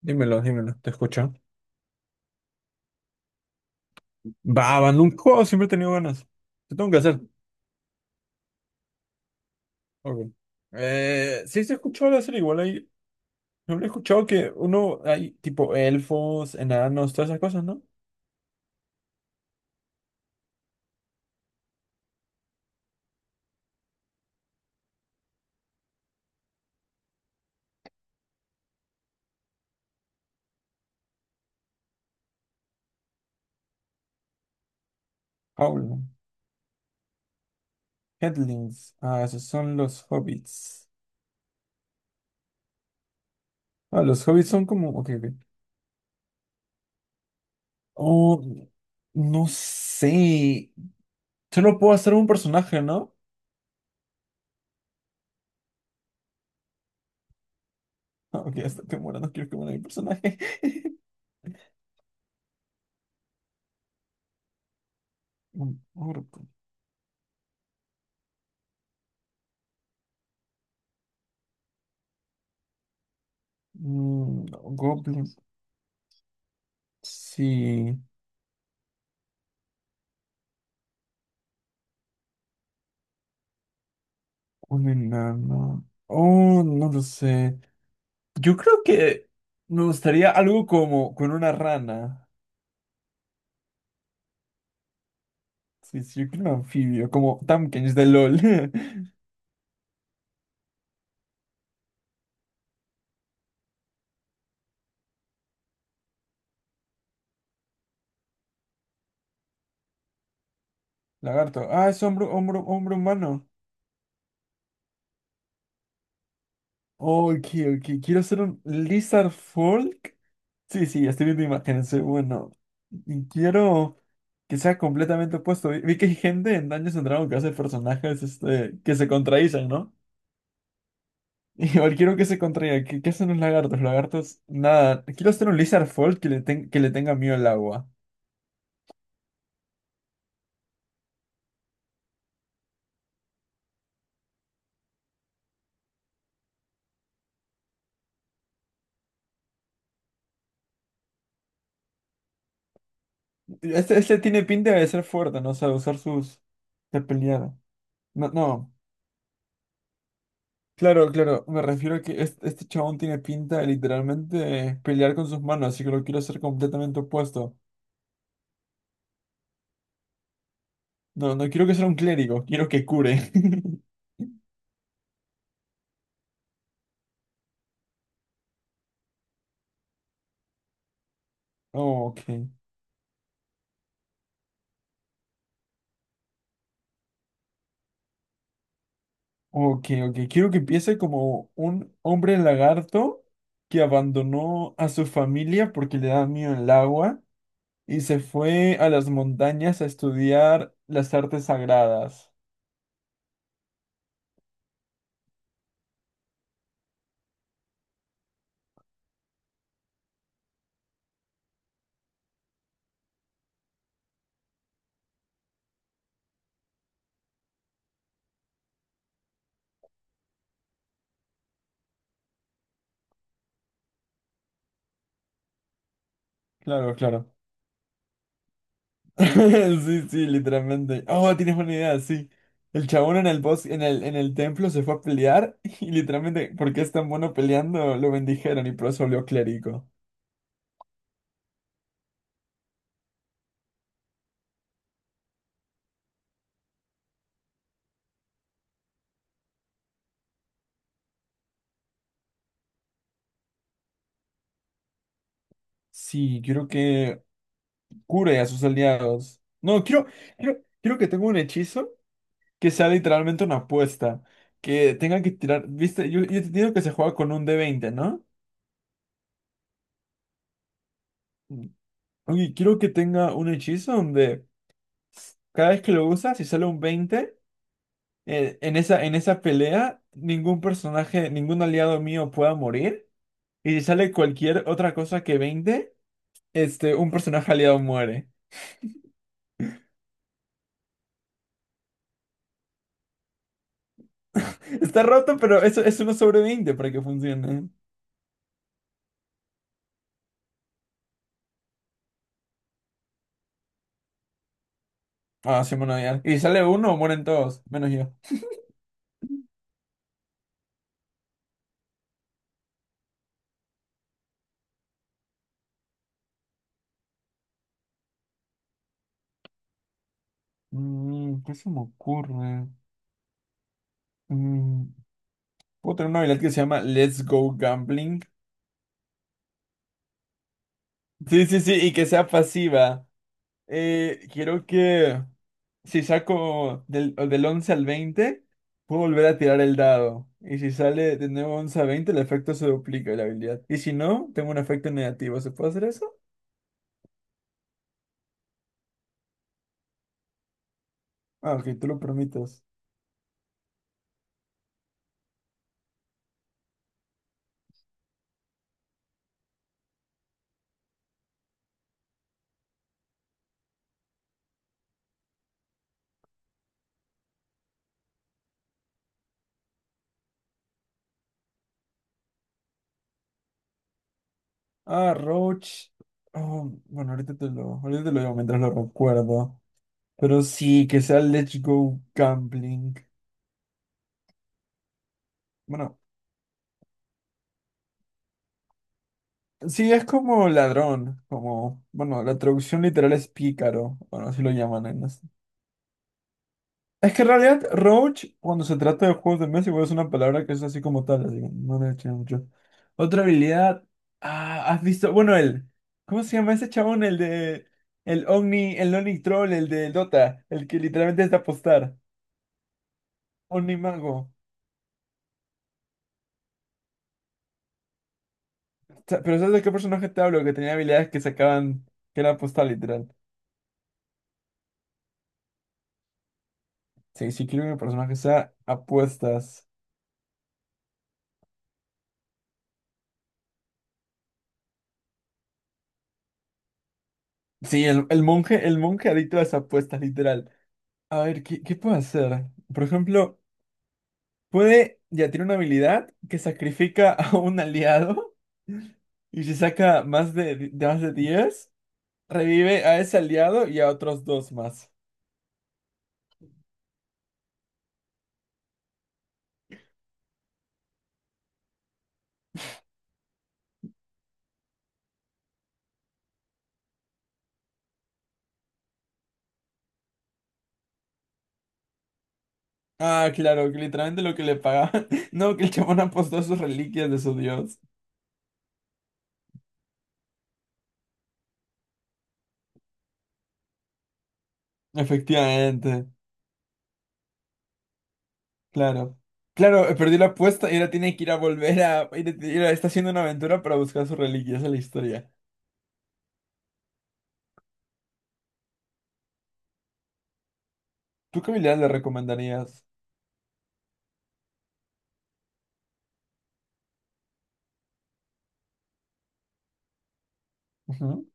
Dímelo, dímelo, te escucho. Va, va, nunca he jugado, siempre he tenido ganas. ¿Qué tengo que hacer? Ok. Sí, se escuchó de hacer igual ahí. Siempre he escuchado que uno hay tipo elfos, enanos, todas esas cosas, ¿no? Howl, Headlings. Ah, esos son los hobbits. Ah, los hobbits son como. Ok, ok. Oh, no sé. Solo puedo hacer un personaje, ¿no? Ah, ok, hasta que muera, no quiero que muera mi personaje. Un orco. Mm, no, goblin. Sí. Un enano. Oh, no lo sé. Yo creo que me gustaría algo como con una rana. Sí, sí, yo creo un anfibio, como Tamkins de LOL. Lagarto. Ah, es hombro, hombro, hombro humano. Ok, ok. Quiero ser un Lizard Folk. Sí, sí, estoy viendo imágenes. Bueno, y quiero que sea completamente opuesto. Vi que hay gente en Dungeons and Dragons que hace personajes este, que se contradicen, ¿no? Igual quiero que se contraiga. ¿Qué, qué hacen los lagartos? Los lagartos, nada. Quiero hacer un lizard fold que que le tenga miedo al agua. Este tiene pinta de ser fuerte, ¿no? O sea, de usar sus de pelear. No, no. Claro, claro. Me refiero a que este chabón tiene pinta de literalmente pelear con sus manos, así que lo quiero hacer completamente opuesto. No, no quiero que sea un clérigo, quiero que cure. Oh, ok. Ok, ok. Quiero que empiece como un hombre lagarto que abandonó a su familia porque le da miedo el agua y se fue a las montañas a estudiar las artes sagradas. Claro, claro. Sí, sí, literalmente. Oh, tienes buena idea, sí. El chabón en el bosque, en el templo se fue a pelear y literalmente, porque es tan bueno peleando, lo bendijeron y por eso volvió clérigo. Sí, quiero que cure a sus aliados. No, quiero que tenga un hechizo. Que sea literalmente una apuesta, que tengan que tirar, viste, yo te digo que se juega con un d veinte, ¿no? Oye, quiero que tenga un hechizo donde cada vez que lo usas, si sale un 20 en esa pelea, ningún personaje, ningún aliado mío pueda morir. Y si sale cualquier otra cosa que 20 este, un personaje aliado muere. Está roto, pero eso es uno sobre 20 para que funcione. Ah, sí, bueno, ya. Y si sale uno, mueren todos, menos yo. Mm, ¿qué se me ocurre? Mm, puedo tener una habilidad que se llama Let's Go Gambling. Sí, sí, sí, y que sea pasiva. Quiero que si saco del 11 al 20, puedo volver a tirar el dado. Y si sale de nuevo 11 a 20, el efecto se duplica de la habilidad. Y si no, tengo un efecto negativo. ¿Se puede hacer eso? Ah, ok, tú lo permites. Ah, Roach. Oh, bueno, ahorita te lo digo mientras lo recuerdo. Pero sí, que sea Let's Go Gambling. Bueno, sí, es como ladrón, como, bueno, la traducción literal es pícaro, bueno, así lo llaman en las- Es que en realidad Roach, cuando se trata de juegos de mesa, igual es una palabra que es así como tal, así que no le eché mucho. Otra habilidad, ah, has visto, bueno, el, ¿cómo se llama ese chabón? El de, el Omni Troll, el de Dota, el que literalmente es de apostar, Omni Mago. Sa- Pero ¿sabes de qué personaje te hablo? Que tenía habilidades que sacaban, que era apostar literal. Sí, sí quiero que mi personaje sea apuestas. Sí, el monje, el monje adicto a las apuestas, literal. A ver, ¿qué, qué puede hacer? Por ejemplo, puede, ya tiene una habilidad que sacrifica a un aliado y si saca de más de 10 revive a ese aliado y a otros dos más. Ah, claro, que literalmente lo que le pagaban. No, que el chabón apostó sus reliquias de su dios. Efectivamente, claro. Claro, perdió la apuesta y ahora tiene que ir a volver a... ir a- ir a- Está haciendo una aventura para buscar sus reliquias, esa la historia. ¿Tú qué habilidad le recomendarías? Ujú.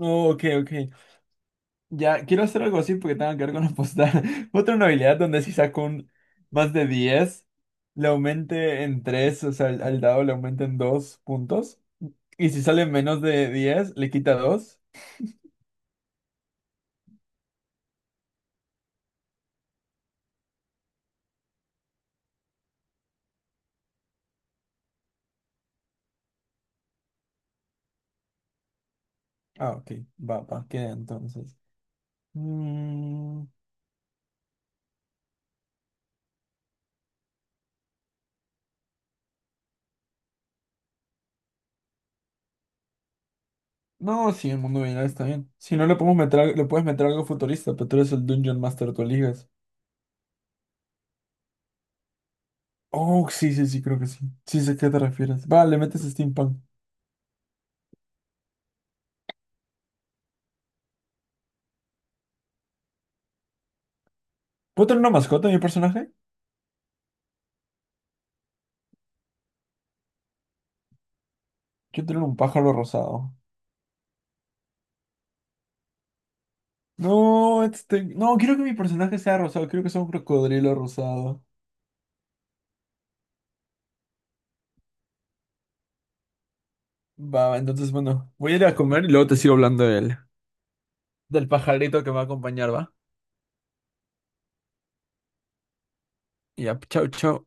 Oh, ok, ok. Ya, quiero hacer algo así porque tengo que ver con apostar. Otra una habilidad donde si saco un más de 10 le aumente en 3, o sea, al dado le aumenten 2 puntos. Y si sale menos de 10 le quita 2. Ah, ok, va, va, queda entonces. Mm, no, sí, el mundo binario está bien. Si no, le podemos meter, al- le puedes meter algo futurista, pero tú eres el Dungeon Master, tú eliges. Oh, sí, sí, sí, creo que sí. Sí sé a qué te refieres. Va, le metes steampunk. ¿Puedo tener una mascota, en mi personaje? Quiero tener un pájaro rosado. No, este... No, quiero que mi personaje sea rosado. Quiero que sea un crocodrilo rosado. Va, va, entonces, bueno, voy a ir a comer y luego te sigo hablando de él. Del pajarito que me va a acompañar, ¿va? Y ya, chau, chau.